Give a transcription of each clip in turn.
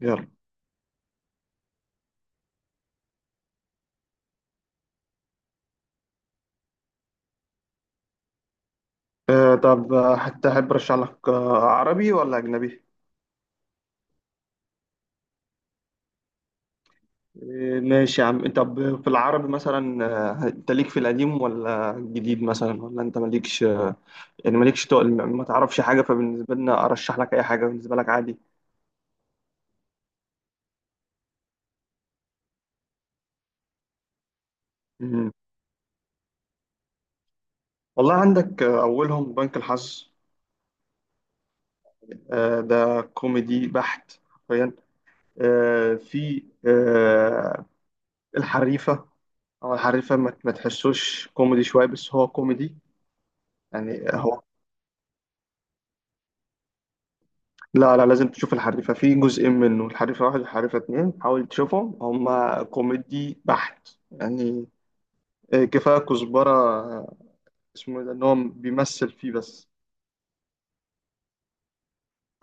يلا. طب حتى أحب أرشح لك، عربي ولا أجنبي؟ آه، ماشي يا عم، طب في العربي مثلا. أنت ليك في القديم ولا الجديد مثلا، ولا أنت مالكش يعني مالكش تقل، ما تعرفش حاجة، فبالنسبة لنا أرشح لك أي حاجة، بالنسبة لك عادي. مم. والله عندك أولهم بنك الحظ. ده كوميدي بحت حرفيا. آه في آه الحريفة، أو الحريفة ما تحسوش كوميدي شوية، بس هو كوميدي. يعني هو، لا لا لازم تشوف الحريفة في جزئين منه، الحريفة واحد والحريفة اتنين، حاول تشوفهم، هما كوميدي بحت يعني. كفاية كزبرة، اسمه إيه ده؟ ان هو بيمثل فيه بس.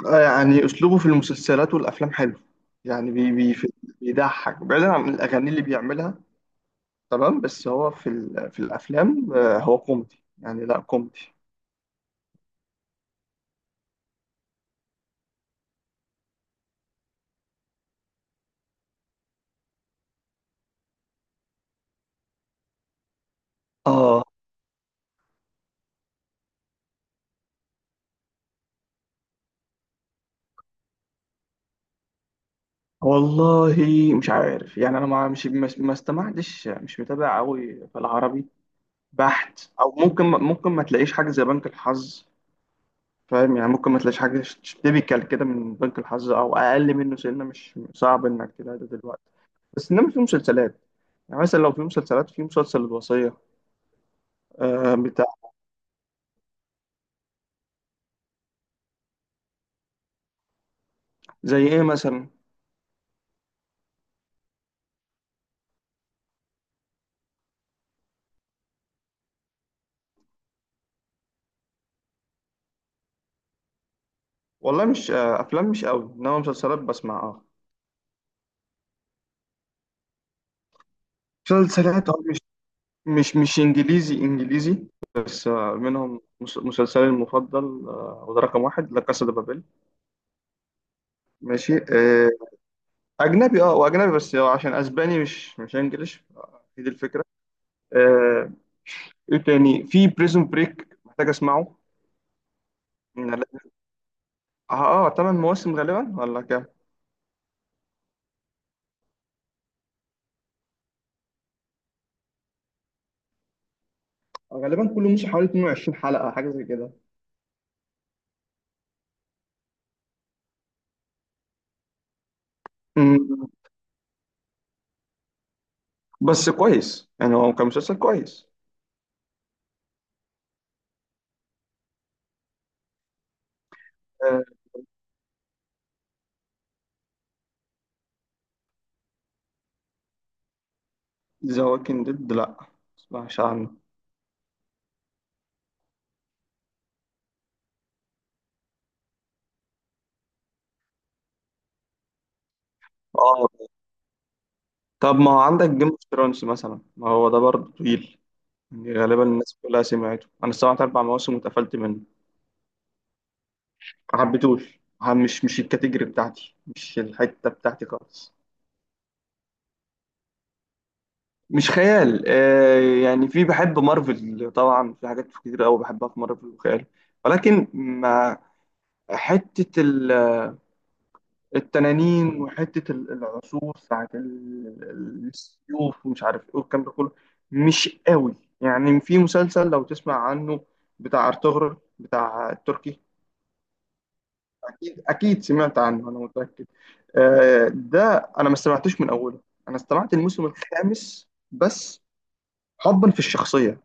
يعني اسلوبه في المسلسلات والافلام حلو، يعني بيضحك، بعيدا عن الاغاني اللي بيعملها. تمام، بس هو في في الافلام هو كوميدي، يعني لا كوميدي. اه، والله مش عارف يعني، انا ما استمعتش، مش متابع قوي في العربي بحت، او ممكن ما تلاقيش حاجه زي بنك الحظ، فاهم؟ يعني ممكن ما تلاقيش حاجه تيبيكال كده من بنك الحظ او اقل منه سنه، مش صعب انك تلاقي ده دلوقتي. بس انما في مسلسلات يعني، مثلا لو في مسلسلات، في مسلسل الوصيه، آه بتاع. زي ايه مثلا؟ والله، مش افلام مش قوي، انما مسلسلات بسمع، اه. مسلسلات اه، مش انجليزي انجليزي، بس منهم مسلسلي المفضل، وده رقم واحد، لا كاسا دي بابيل. ماشي، اجنبي، اه، واجنبي بس عشان اسباني، مش مش انجليش. هي دي الفكره. آه، ايه تاني؟ في بريزون بريك، محتاج اسمعه. من ال- اه ثمان مواسم غالبا، ولا كام؟ غالبا كل موسم حوالي 22 حلقة، حاجة زي كده. مم. بس كويس يعني، هو كان مسلسل كويس. ذا ووكينج ديد، لا، ما اسمعش عنه. اه، طب ما هو عندك جيم اوف ثرونز مثلا، ما هو ده برضه طويل، يعني غالبا الناس كلها سمعته. انا سمعت اربع مواسم واتقفلت منه. ما حبيتوش، مش الكاتيجوري بتاعتي، مش الحتة بتاعتي خالص. مش خيال، يعني في بحب مارفل طبعا، في حاجات كتير قوي بحبها في مارفل وخيال، ولكن ما... حتة التنانين، وحتة العصور، ساعة السيوف ومش عارف ايه والكلام ده كله، مش قوي. يعني في مسلسل لو تسمع عنه بتاع ارطغرل، بتاع التركي. اكيد اكيد سمعت عنه، انا متاكد. ده انا ما استمعتوش من اوله، انا استمعت الموسم الخامس بس، حبا في الشخصيه.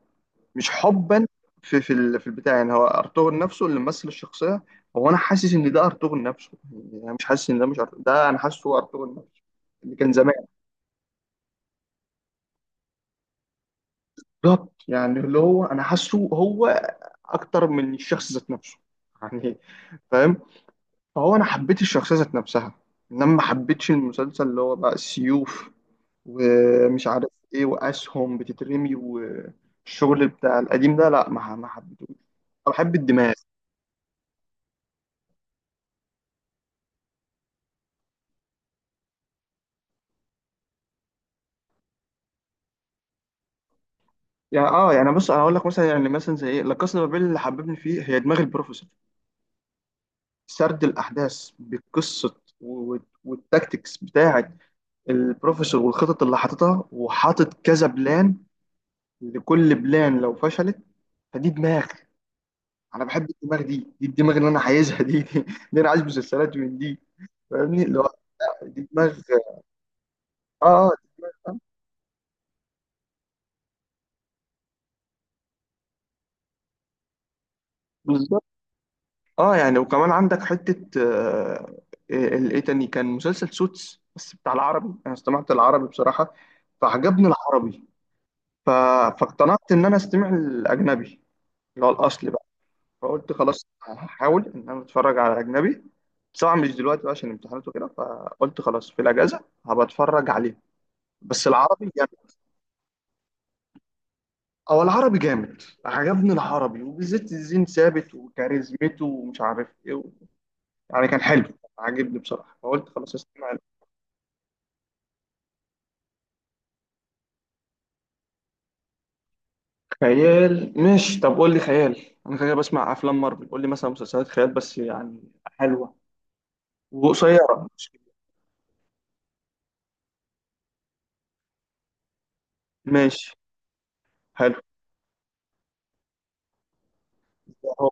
مش حبا في في البتاع، يعني هو ارطغرل نفسه اللي ممثل الشخصيه. هو انا حاسس ان ده ارطغرل نفسه، يعني انا مش حاسس ان ده مش أرطغرل. ده انا حاسه هو ارطغرل نفسه اللي كان زمان. بالظبط، يعني اللي هو انا حاسه هو اكتر من الشخص ذات نفسه يعني، فاهم. فهو انا حبيت الشخصيه ذات نفسها، انما ما حبيتش المسلسل اللي هو بقى السيوف ومش عارف ايه واسهم بتترمي والشغل بتاع القديم ده، لا، ما حبيتهوش. أنا بحب الدماغ، يعني اه، يعني بص انا هقول لك مثلا، يعني مثلا زي ايه. لا كاسا بابيل اللي حببني فيه هي دماغ البروفيسور، سرد الاحداث بقصه، والتكتكس بتاعه، البروفيسور والخطط اللي حاططها، وحاطط كذا بلان، لكل بلان لو فشلت، فدي دماغ. انا بحب الدماغ، دي الدماغ اللي انا عايزها، دي انا عايز مسلسلات من دي. فاهمني؟ اللي هو دي دماغ. اه بالظبط. اه، يعني وكمان عندك حتة ايه تاني؟ كان مسلسل سوتس، بس بتاع العربي، انا استمعت العربي بصراحة، فعجبني العربي، ف... فاقتنعت ان انا استمع الاجنبي اللي هو الاصلي بقى. فقلت خلاص هحاول ان انا اتفرج على اجنبي، بس طبعا مش دلوقتي بقى عشان امتحانات وكده، فقلت خلاص في الاجازة هبقى اتفرج عليه. بس العربي جامد، او العربي جامد، عجبني العربي، وبالذات الزين ثابت وكاريزمته ومش عارف ايه، يعني كان حلو، عاجبني بصراحة، فقلت خلاص استمع له. خيال، ماشي، طب قول لي خيال. انا كده بسمع افلام مارفل، قول لي مثلا مسلسلات خيال بس يعني حلوة وقصيرة، مش كبيرة. ماشي، حلو. هو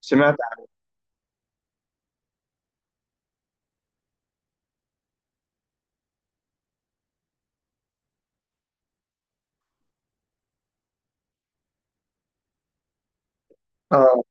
سمعت عن- اه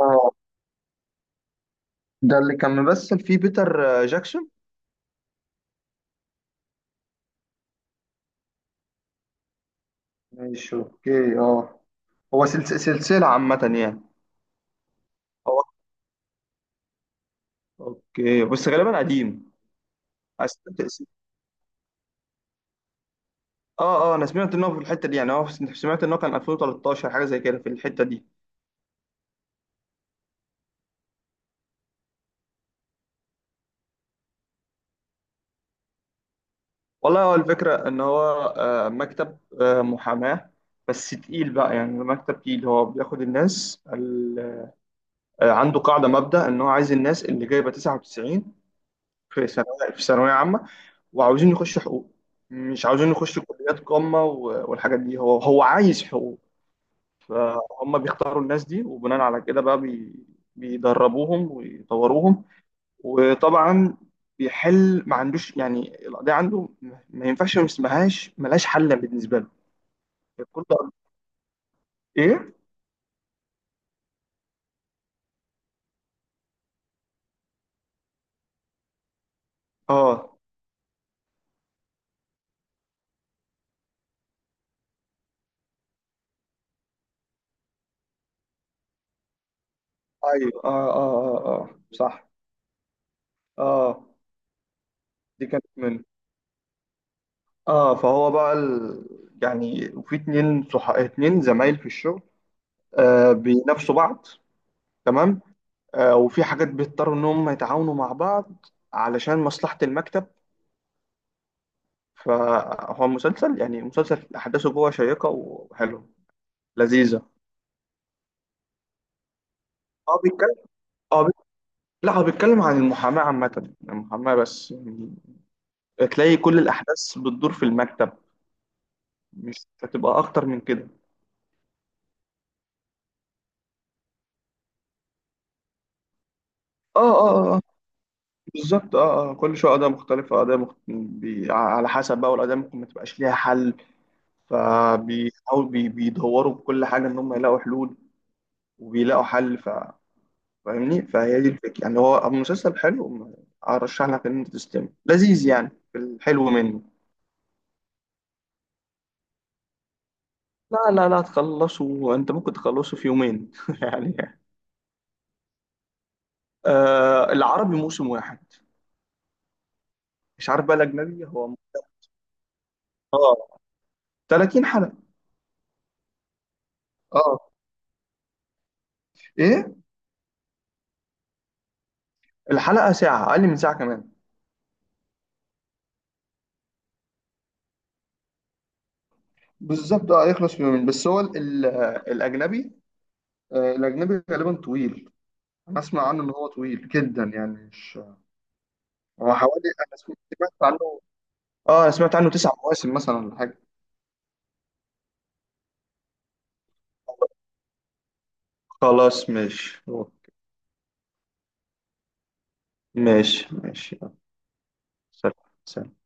اه ده اللي كان ممثل فيه بيتر جاكسون؟ ماشي، اوكي، اه. هو سلسلة عامة يعني. هو اوكي، بس غالبا قديم. أس- اه انا سمعت ان هو في الحتة دي يعني، هو سمعت ان هو كان 2013 حاجة زي كده في الحتة دي. والله هو الفكرة، إن هو مكتب محاماة، بس تقيل بقى يعني، مكتب تقيل. هو بياخد الناس عنده قاعدة مبدأ، إن هو عايز الناس اللي جايبة 99 في ثانوية، في ثانوية عامة، وعاوزين يخشوا حقوق، مش عاوزين يخشوا كليات قمة والحاجات دي، هو عايز حقوق. فهم بيختاروا الناس دي، وبناء على كده بقى بيدربوهم ويطوروهم، وطبعا بيحل، ما عندوش يعني، القضية عنده ما ينفعش، ما اسمهاش ملهاش حل بالنسبة له. كل، ايه؟ اه، ايوه، اه، اه، اه، اه، آه. صح. اه، دي كانت من. اه، فهو بقى يعني، وفي اتنين، صح، اتنين زمايل في الشغل، بينافسوا بعض، تمام. وفي حاجات بيضطروا ان هم يتعاونوا مع بعض علشان مصلحة المكتب. فهو مسلسل، يعني مسلسل احداثه جوه شيقة وحلوة لذيذة. اه بيتكلم، اه بي- لا، هو بيتكلم عن المحاماة عامة، المحاماة بس يعني. تلاقي كل الأحداث بتدور في المكتب، مش هتبقى أكتر من كده. اه آه، بالظبط. اه كل شوية قضايا مختلفة، على حسب بقى، والقضايا ممكن ما تبقاش ليها حل. فبيحاولوا بيدوروا بكل حاجة إن هم يلاقوا حلول، وبيلاقوا حل ف... فاهمني، فهي دي الفكرة يعني، هو مسلسل حلو. أرشح لك إن أنت تستمع، لذيذ يعني، في الحلو منه. لا لا لا، تخلصه، أنت ممكن تخلصه في يومين يعني. آه، العربي موسم واحد. مش عارف بقى الاجنبي هو. اه، 30 حلقه. اه، ايه؟ الحلقه ساعه، اقل من ساعه كمان. بالظبط، اه يخلص في يومين، بس هو الاجنبي، آه الاجنبي غالبا طويل. انا اسمع عنه ان هو طويل جدا، يعني مش. هو حوالي، انا سمعت عنه. اه انا سمعت عنه تسع مواسم مثلا، ولا حاجه. خلاص، ماشي. ماشي، ماشي، يلا، سلام. سلام.